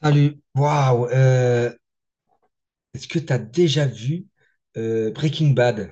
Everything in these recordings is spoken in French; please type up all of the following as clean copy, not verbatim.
Salut. Waouh. Est-ce que tu as déjà vu Breaking Bad?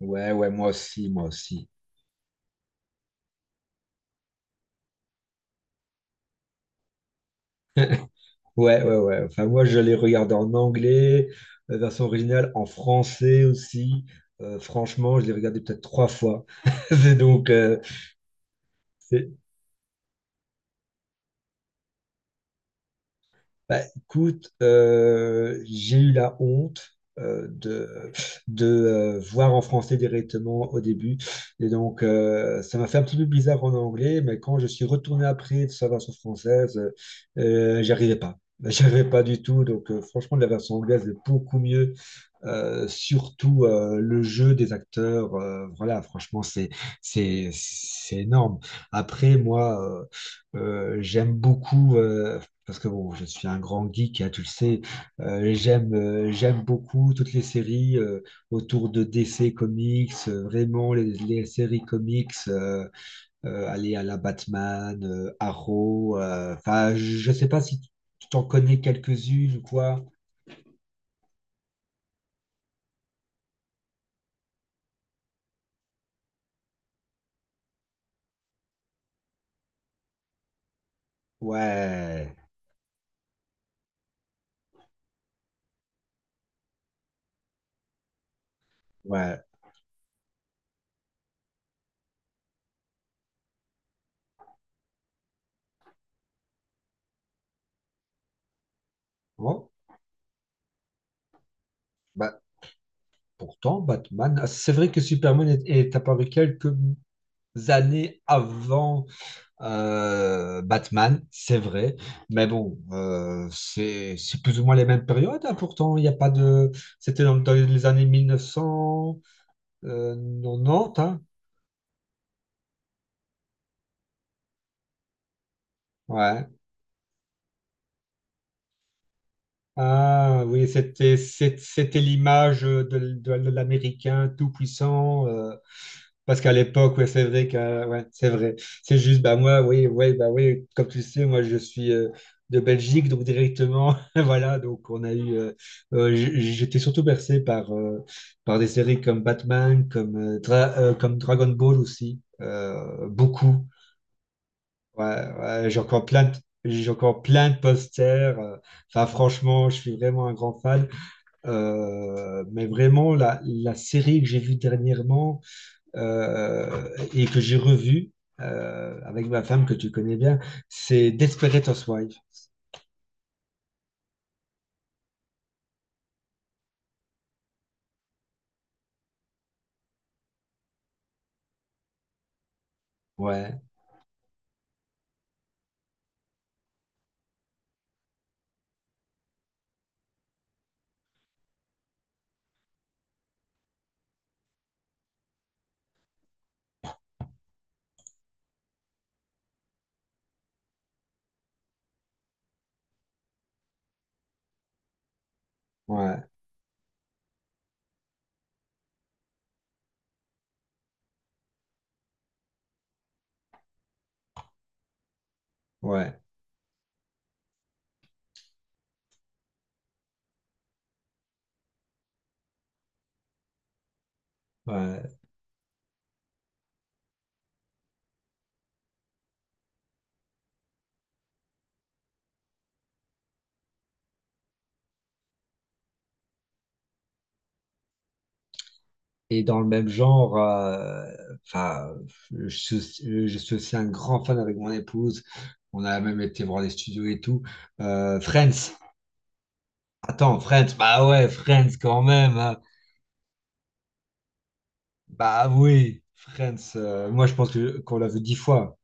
Ouais, ouais, moi aussi, moi aussi. Ouais, ouais, ouais. Enfin, moi, je l'ai regardé en anglais, version originale, en français aussi. Franchement, je l'ai regardé peut-être trois fois. C'est donc, c'est Bah, écoute, j'ai eu la honte de voir en français directement au début. Et donc, ça m'a fait un petit peu bizarre en anglais, mais quand je suis retourné après de sa version française, j'y arrivais pas. J'y arrivais pas du tout. Donc, franchement, la version anglaise est beaucoup mieux surtout le jeu des acteurs, voilà, franchement, c'est énorme. Après, moi, euh, j'aime beaucoup parce que bon, je suis un grand geek, hein, tu le sais. J'aime j'aime beaucoup toutes les séries autour de DC Comics, vraiment les séries comics, aller à la Batman, Arrow. Enfin, je sais pas si tu t'en connais quelques-unes ou quoi. Ouais, ouais. Bon. Bah, pourtant, Batman, ah, c'est vrai que Superman est, est apparu quelques années avant Batman, c'est vrai, mais bon, c'est plus ou moins les mêmes périodes, hein, pourtant, il n'y a pas de... C'était dans, dans les années 1990, hein, ouais. Ah oui, c'était l'image de, de l'Américain tout puissant, parce qu'à l'époque, ouais, c'est vrai que, ouais, c'est vrai. C'est juste, bah moi, oui, ouais, bah oui, comme tu le sais, moi je suis de Belgique, donc directement, voilà, donc on a eu, j'étais surtout bercé par, par des séries comme Batman, comme, comme Dragon Ball aussi, beaucoup. Ouais, ouais, j'ai encore plein de posters. Enfin, franchement, je suis vraiment un grand fan. Mais vraiment, la série que j'ai vue dernièrement euh, et que j'ai revu avec ma femme que tu connais bien, c'est Desperate Housewives. Ouais, ouais, ouais, ouais. Et dans le même genre, enfin, je suis, je suis aussi un grand fan avec mon épouse. On a même été voir les studios et tout. Friends. Attends, Friends. Bah ouais, Friends quand même, hein. Bah oui, Friends. Moi, je pense que qu'on l'a vu dix fois.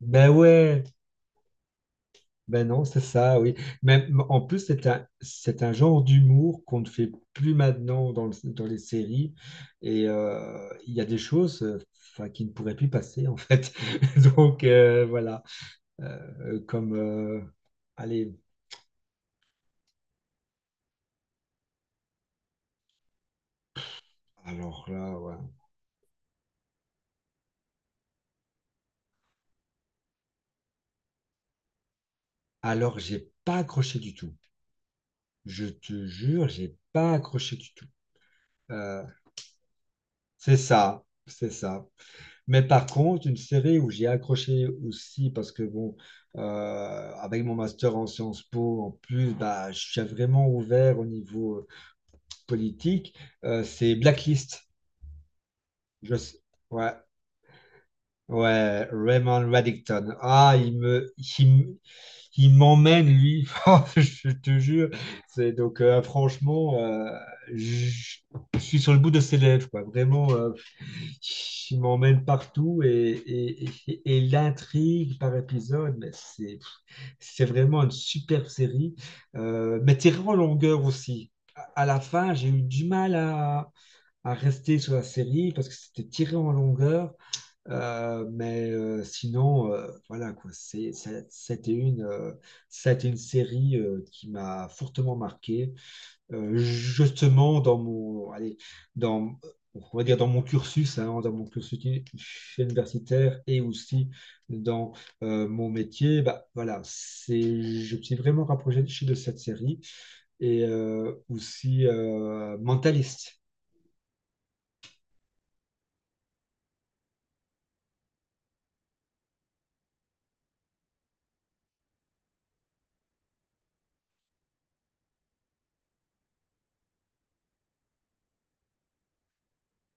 Ben ouais. Ben non, c'est ça, oui. Mais en plus, c'est un genre d'humour qu'on ne fait plus maintenant dans les séries. Et il y a des choses enfin, qui ne pourraient plus passer, en fait. Donc, voilà. Comme. Allez, alors là, ouais. Alors, j'ai pas accroché du tout. Je te jure, j'ai pas accroché du tout. Euh, c'est ça, c'est ça. Mais par contre, une série où j'ai accroché aussi, parce que bon, euh, avec mon master en Sciences Po, en plus, bah, je suis vraiment ouvert au niveau politique, c'est Blacklist. Je, sais- ouais, ouais, Raymond Reddington. Qui m'emmène, lui. Oh, je te jure. Franchement, je je suis sur le bout de ses lèvres, quoi. Vraiment, il m'emmène partout et, et l'intrigue par épisode, mais c'est vraiment une superbe série. Mais tirée en longueur aussi. À la fin, j'ai eu du mal à rester sur la série parce que c'était tiré en longueur. Sinon, voilà quoi, c'était une série qui m'a fortement marqué, justement dans mon, allez, dans, on va dire dans mon cursus, hein, dans mon cursus uni- universitaire et aussi dans mon métier, bah voilà, c'est, je me suis vraiment rapproché de cette série et aussi Mentaliste.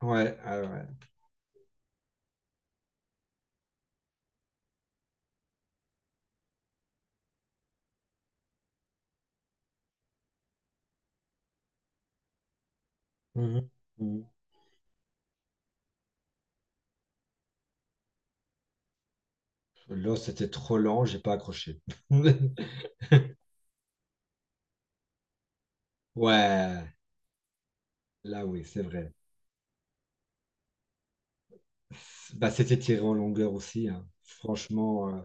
Ouais, ah ouais. Mhm. Là, c'était trop lent, j'ai pas accroché. Ouais, là oui, c'est vrai. Bah, c'était tiré en longueur aussi, hein. Franchement,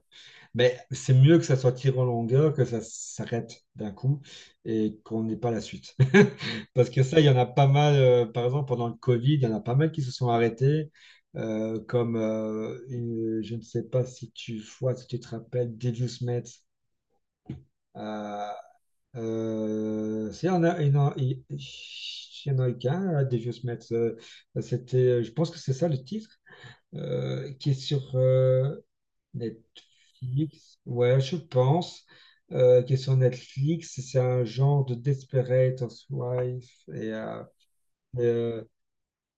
mais c'est mieux que ça soit tiré en longueur, que ça s'arrête d'un coup et qu'on n'ait pas la suite. Parce que ça, il y en a pas mal, par exemple, pendant le Covid, il y en a pas mal qui se sont arrêtés, comme, je ne sais pas si tu vois, si tu te rappelles, Devious Met. S'il y en a, il y en a qu'un, à Devious Mets, c'était, je pense que c'est ça le titre, qui est sur Netflix, ouais, je pense, qui est sur Netflix, c'est un genre de Desperate Housewives, et, euh, et, euh,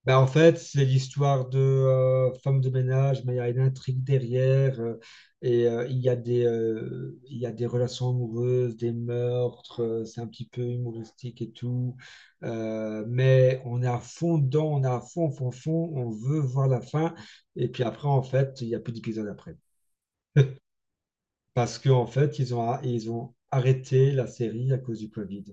bah, en fait, c'est l'histoire de femme de ménage, mais il y a une intrigue derrière. Et il y a des relations amoureuses, des meurtres. C'est un petit peu humoristique et tout. Mais on est à fond dedans, on est à fond, fond, fond. On veut voir la fin. Et puis après, en fait, il n'y a plus d'épisode après. Parce qu'en fait, ils ont arrêté la série à cause du Covid,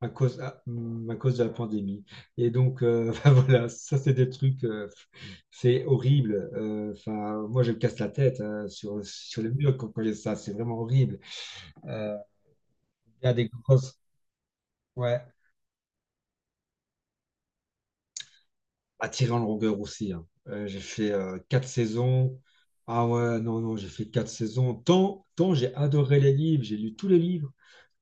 à cause de la pandémie. Et donc, voilà, ça, c'est des trucs, c'est horrible. Enfin, moi, je me casse la tête hein, sur, sur le mur quand, quand j'ai ça, c'est vraiment horrible. Euh, Il y a des grosses. Ouais, à Tyrion Langer aussi, hein. J'ai fait quatre saisons. Ah ouais, non, non, j'ai fait quatre saisons. Tant, tant j'ai adoré les livres, j'ai lu tous les livres,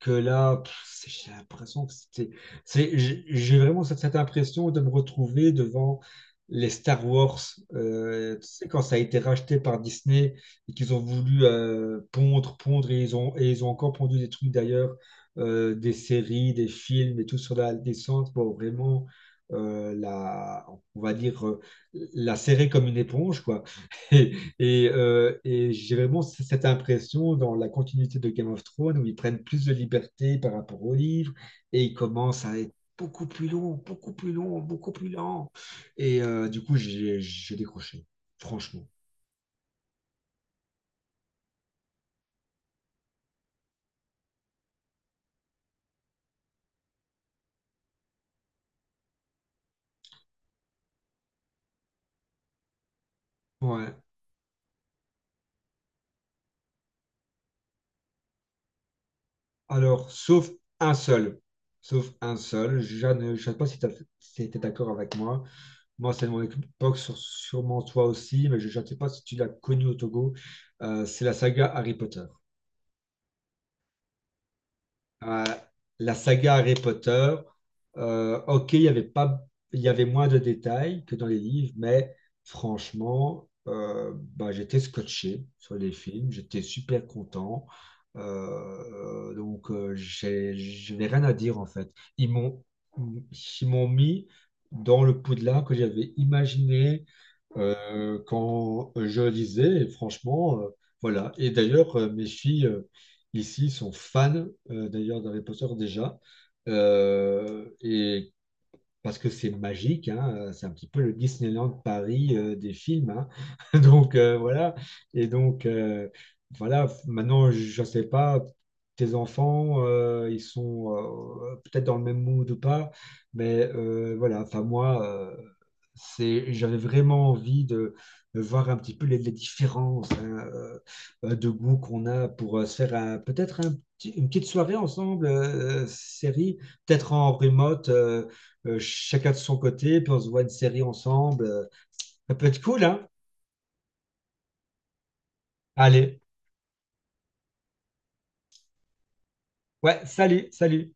que là, pff, c'est- j'ai l'impression que c'était. C'est- j'ai vraiment cette impression de me retrouver devant les Star Wars. Tu sais, quand ça a été racheté par Disney et qu'ils ont voulu pondre, et ils ont encore pondu des trucs d'ailleurs, des séries, des films et tout sur la descente. Bon, vraiment. euh, la, on va dire, la serrer comme une éponge, quoi. Et j'ai vraiment cette impression dans la continuité de Game of Thrones où ils prennent plus de liberté par rapport au livre et ils commencent à être beaucoup plus longs, beaucoup plus longs, beaucoup plus lents. Et du coup, j'ai décroché, franchement. Ouais. Alors, sauf un seul. Sauf un seul. Jeanne, je ne sais pas si tu étais d'accord avec moi. Moi, c'est de mon époque, sûrement toi aussi, mais je ne sais pas si tu l'as connu au Togo. C'est la saga Harry Potter. Euh, la saga Harry Potter, ok, il y avait pas, il y avait moins de détails que dans les livres, mais franchement, bah, j'étais scotché sur les films, j'étais super content. Donc, je n'ai rien à dire en fait. Ils m'ont, Ils m'ont mis dans le Poudlard que j'avais imaginé quand je lisais, et franchement, voilà. Et d'ailleurs, mes filles ici sont fans d'ailleurs d'Harry Potter déjà, et parce que c'est magique, hein, c'est un petit peu le Disneyland Paris des films, hein. Donc voilà, et donc voilà, maintenant je ne sais pas, tes enfants, ils sont peut-être dans le même mood ou pas, mais voilà, enfin moi, c'est, j'avais vraiment envie de voir un petit peu les différences hein, de goût qu'on a pour se faire peut-être une petite soirée ensemble, série, peut-être en remote. Chacun de son côté, puis on se voit une série ensemble. Ça peut être cool, hein? Allez, ouais, salut, salut.